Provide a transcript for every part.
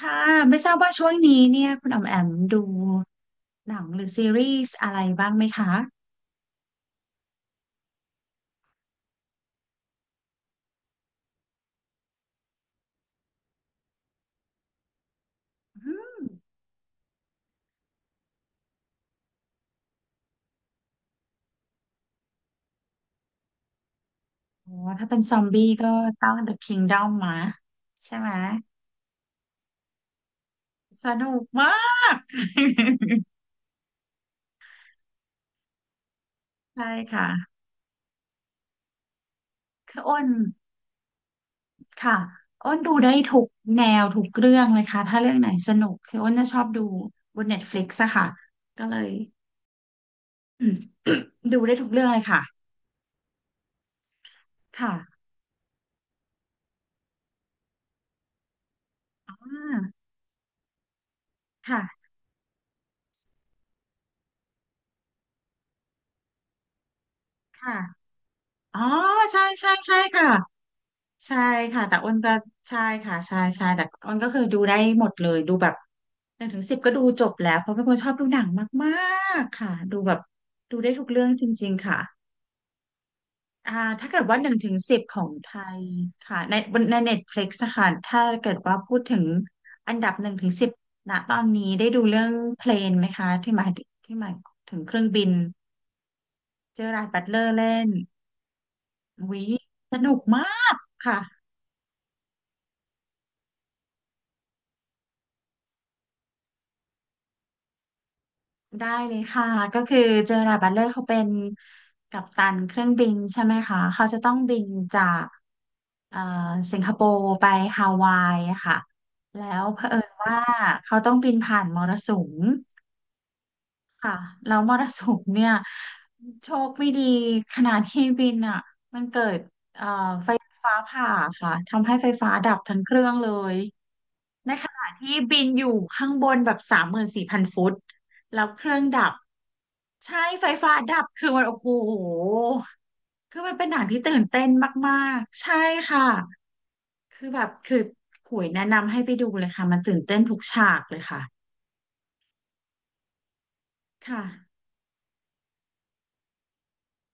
ค่ะไม่ทราบว่าช่วงนี้เนี่ยคุณอ๋อมแอมดูหนังหรือซีรีส์อะไรบ้างไหมคะอืมโอ้ถ้าเป็นซอมบี้ก็ต้อง The Kingdom มาใช่ไหมสนุกมาก ใช่ค่ะคืออ้นค่ะอ้นดูได้ทุกแนวทุกเรื่องเลยค่ะถ้าเรื่องไหนสนุกคืออ้นจะชอบดูบน Netflix อะค่ะก็เลยอืมดูได้ทุกเรื่องเลยค่ะค่ะอ่าค่ะค่ะอ๋อใช่ใช่ใช่ค่ะ ใช่ค่ะแต่อ้นก็ใช่ค่ะใช่ใช่แต่อ้นก็คือดูได้หมดเลยดูแบบหนึ่งถึงสิบก็ดูจบแล้วเพราะเป็นคนชอบดูหนังมากๆค่ะดูแบบดูได้ทุกเรื่องจริงๆค่ะอ่าถ้าเกิดว่าหนึ่งถึงสิบของไทยค่ะในบนในเน็ตฟลิกซ์ค่ะถ้าเกิดว่าพูดถึงอันดับหนึ่งถึงสิบณตอนนี้ได้ดูเรื่องเพลนไหมคะที่หมายถึงเครื่องบินเจอราร์ดบัตเลอร์เล่นวิสนุกมากค่ะ ได้เลยค่ะก็คือเจอราร์ดบัตเลอร์เขาเป็นกัปตันเครื่องบินใช่ไหมคะเขาจะต้องบินจากเอ่อสิงคโปร์ไปฮาวายอะค่ะแล้วเผอิญว่าเขาต้องบินผ่านมรสุมค่ะแล้วมรสุมเนี่ยโชคไม่ดีขณะที่บินอ่ะมันเกิดฟ้าผ่าค่ะทำให้ไฟฟ้าดับทั้งเครื่องเลย ในขณะที่บินอยู่ข้างบนแบบ34,000 ฟุตแล้วเครื่องดับใช่ไฟฟ้าดับคือมันโอ้โหคือมันเป็นหนังที่ตื่นเต้นมากๆใช่ค่ะคือแบบคือขุยแนะนำให้ไปดูเลยค่ะมันตื่นเต้นทุกฉากเลยค่ะค่ะ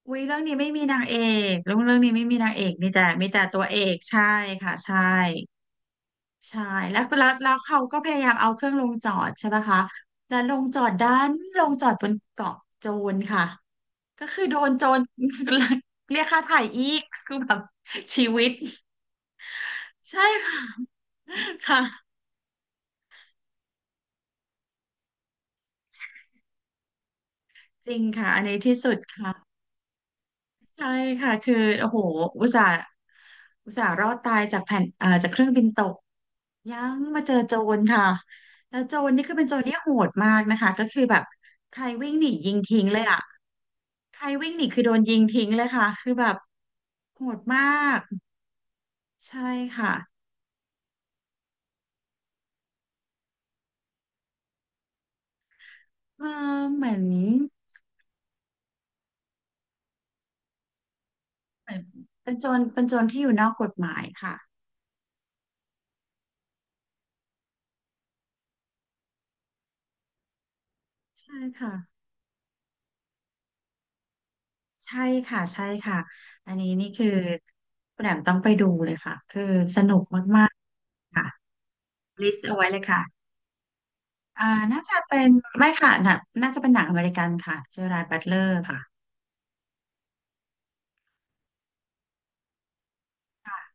อุ้ยเรื่องนี้ไม่มีนางเอกเรื่องเรื่องนี้ไม่มีนางเอกมีแต่ตัวเอกใช่ค่ะใช่ ใช่แล้วเขาก็พยายามเอาเครื่องลงจอดใช่ปะคะแล้วลงจอดบนเกาะโจรค่ะก็คือโดนโจร เรียกค่าไถ่อีกคือแบบชีวิตใช่ค่ะค่ะจริงค่ะอันนี้ที่สุดค่ะใช่ค่ะคือโอ้โหอุตส่าห์อุตส่าห์รอดตายจากแผ่นเอ่อจากเครื่องบินตก ยังมาเจอโจรค่ะแล้วโจรนี่คือเป็นโจรที่โหดมากนะคะก็คือแบบใครวิ่งหนียิงทิ้งเลยอ่ะใครวิ่งหนีคือโดนยิงทิ้งเลยค่ะคือแบบโหดมากใช่ค่ะเออเหมือนเหมือนเป็นโจรที่อยู่นอกกฎหมายค่ะใช่ค่ะใช่ค่ะใช่ค่ะอันนี้นี่คือคุณแหม่มต้องไปดูเลยค่ะคือสนุกมากๆค่ะลิสต์เอาไว้เลยค่ะ อ่าน่าจะเป็นไม่ค่ะหน่ะน่าจะเป็นหนังอเมริกันค่ะเจอราร์ดบัตเลอร์ค่ะค่ะ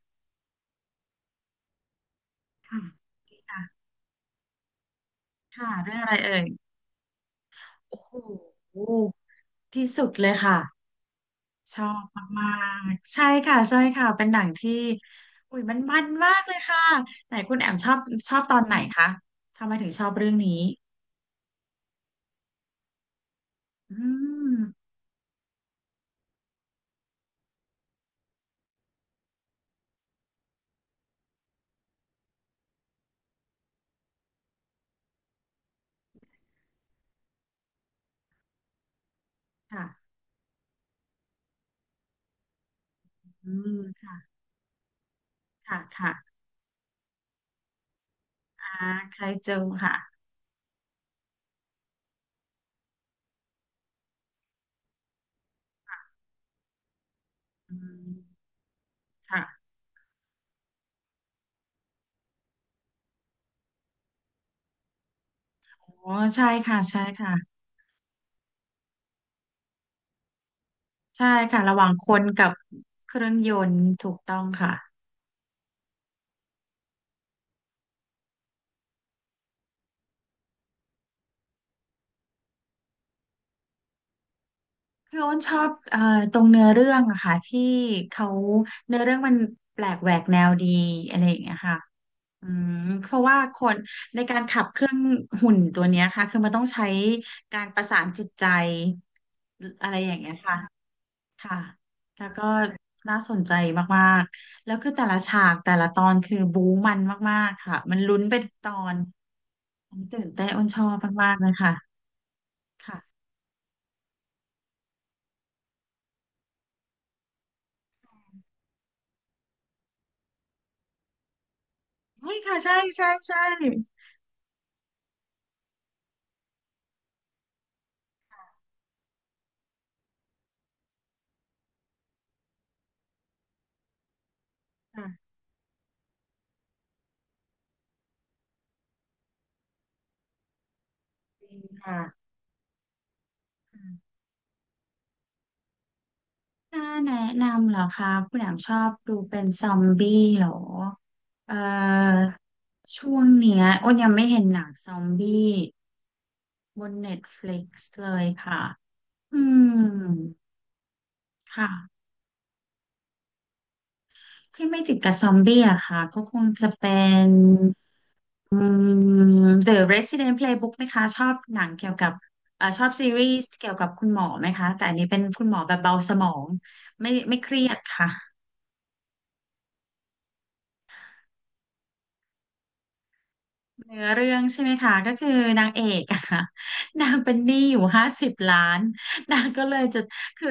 ค่ะค่ะค่ะเรื่องอะไรเอ่ยโอ้โหที่สุดเลยค่ะชอบมากๆใช่ค่ะใช่ค่ะเป็นหนังที่อุ้ยมันมากเลยค่ะไหนคุณแอมชอบตอนไหนคะทำไมถึงชอบเรื่องนี้อืมค่ะอืมค่ะค่ะค่ะอ่าใครเจอค่ะอืมค่ะโอ้ใช่ค่ะใช่ค่ะ ใช่ค่ะระหว่างคนกับเครื่องยนต์ถูกต้องค่ะพี่โอ้นชอบตรงเนื้อเรื่องอะค่ะที่เขาเนื้อเรื่องมันแปลกแหวกแนวดีอะไรอย่างเงี้ยค่ะอืมเพราะว่าคนในการขับเครื่องหุ่นตัวเนี้ยค่ะคือมันต้องใช้การประสานจิตใจอะไรอย่างเงี้ยค่ะค่ะแล้วก็น่าสนใจมากๆแล้วคือแต่ละฉากแต่ละตอนคือบู๊มันมากๆค่ะมันลุ้นไปทุกตอนอันนี้ตื่นเต้นอ้นชอบมากๆเลยค่ะ ค่ะเฮ้ยค่ะใช่ใช่ใช่ค่ะจริงค่ะค่ะถ้าแนะนำเหรอคะคุณแอมชอบดูเป็นซอมบี้เหรอ เอ่อ ช่วงเนี้ยอ้นยังไม่เห็นหนังซอมบี้บนเน็ตฟลิกซ์เลยค่ะอืม ค่ะ ที่ไม่ติดกับซอมบี้อะค่ะก็คงจะเป็น อืThe Resident Playbook ไหมคะ ชอบหนังเกี่ยวกับชอบซีรีส์เกี่ยวกับคุณหมอไหมคะ แต่อันนี้เป็นคุณหมอแบบเบาสมอง ไม่เครียดค่ะ เนื้อเรื่องใช่ไหมคะก็คือนางเอกอะค่ะ นางเป็นหนี้อยู่50 ล้าน นางก็เลยจะคือ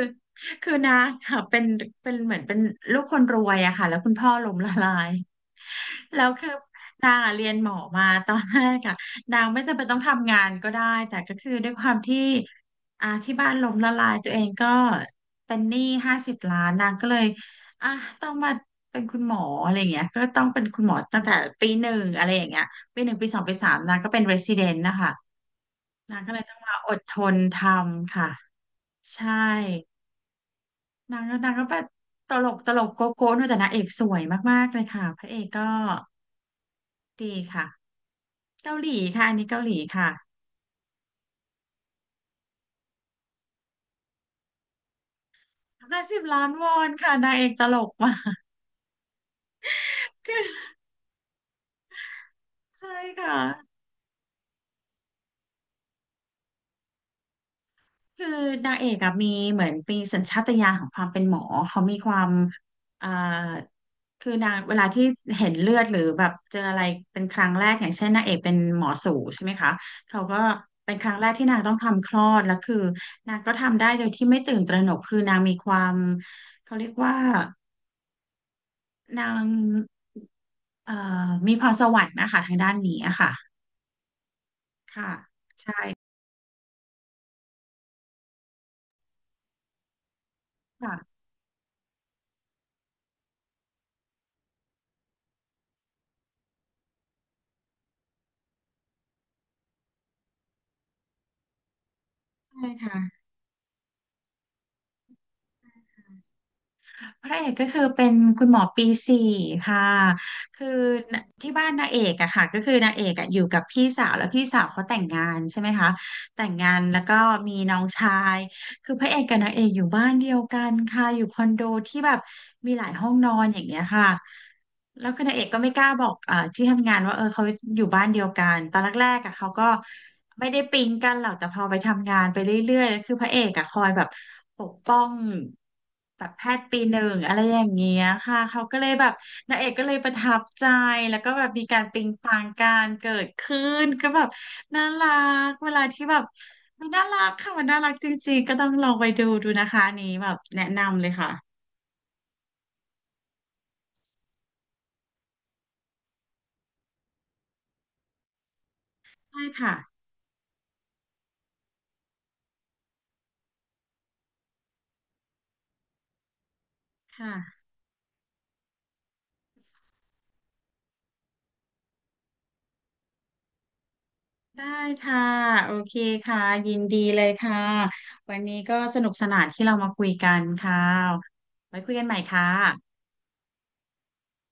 คือนางค่ะเป็นลูกคนรวยอะค่ะแล้วคุณพ่อล้มละลาย แล้วคือนางอะเรียนหมอมาตอนแรกอะนางไม่จำเป็นต้องทำงานก็ได้แต่ก็คือด้วยความที่ที่บ้านล้มละลายตัวเองก็เป็นหนี้ห้าสิบล้านนางก็เลยอ่ะต้องมาเป็นคุณหมออะไรอย่างเงี้ยก็ต้องเป็นคุณหมอตั้งแต่ปีหนึ่งอะไรอย่างเงี้ย ปี 1 ปี 2 ปี 3นางก็เป็น resident นะคะนางก็เลยต้องมาอดทนทำค่ะใช่นางก็แบบตลกโก๊ะด้วยแต่นางเอกสวยมากๆเลยค่ะพระเอกก็ดีค่ะเกาหลีค่ะอันนี้เกาหลีค่ะ50,000,000 วอนค่ะนางเอกตลกมากใช่ค่ะ คือนางเอกอะมีเหมือนมีสัญชาตญาณของความเป็นหมอเขามีความอ่าคือนางเวลาที่เห็นเลือดหรือแบบเจออะไรเป็นครั้งแรกอย่างเช่นนางเอกเป็นหมอสูใช่ไหมคะเขาก็เป็นครั้งแรกที่นางต้องทำคลอดแล้วคือนางก็ทำได้โดยที่ไม่ตื่นตระหนกคือนางมีความเขาเรียกว่านางเอ่อมีพรสวรรค์นะคะทางด้านนี้อะค่ะค่ะค่ะใช่ค่ะ พระเอกก็คือเป็นคุณหมอปี 4ค่ะคือที่บ้านนางเอกอะค่ะก็คือนางเอกอะอยู่กับพี่สาวแล้วพี่สาวเขาแต่งงานใช่ไหมคะแต่งงานแล้วก็มีน้องชายคือพระเอกกับนางเอกอยู่บ้านเดียวกันค่ะอยู่คอนโดที่แบบมีหลายห้องนอนอย่างเงี้ยค่ะแล้วคือนางเอกก็ไม่กล้าบอกที่ทำงานว่าเออเขาอยู่บ้านเดียวกันตอนแรกๆอะเขาก็ไม่ได้ปิ๊งกันหรอกแต่พอไปทำงานไปเรื่อยๆแล้วคือพระเอกอะคอยแบบปกป้อง แบบแพทย์ปี 1อะไรอย่างเงี้ยค่ะเขาก็เลยแบบนางเอกก็เลยประทับใจแล้วก็แบบมีการปิ๊งปังการเกิดขึ้นก็แบบน่ารักเวลาที่แบบมันน่ารักค่ะมันน่ารักจริงๆก็ต้องลองไปดูดูนะคะอันนี้แบบแนะนำเลยค่ะได้ค่ะค่ะได้ค่ะโอเคค่ะยินดีเลยค่ะวันนี้ก็สนุกสนานที่เรามาคุยกันค่ะไว้คุยกันใหม่ค่ะ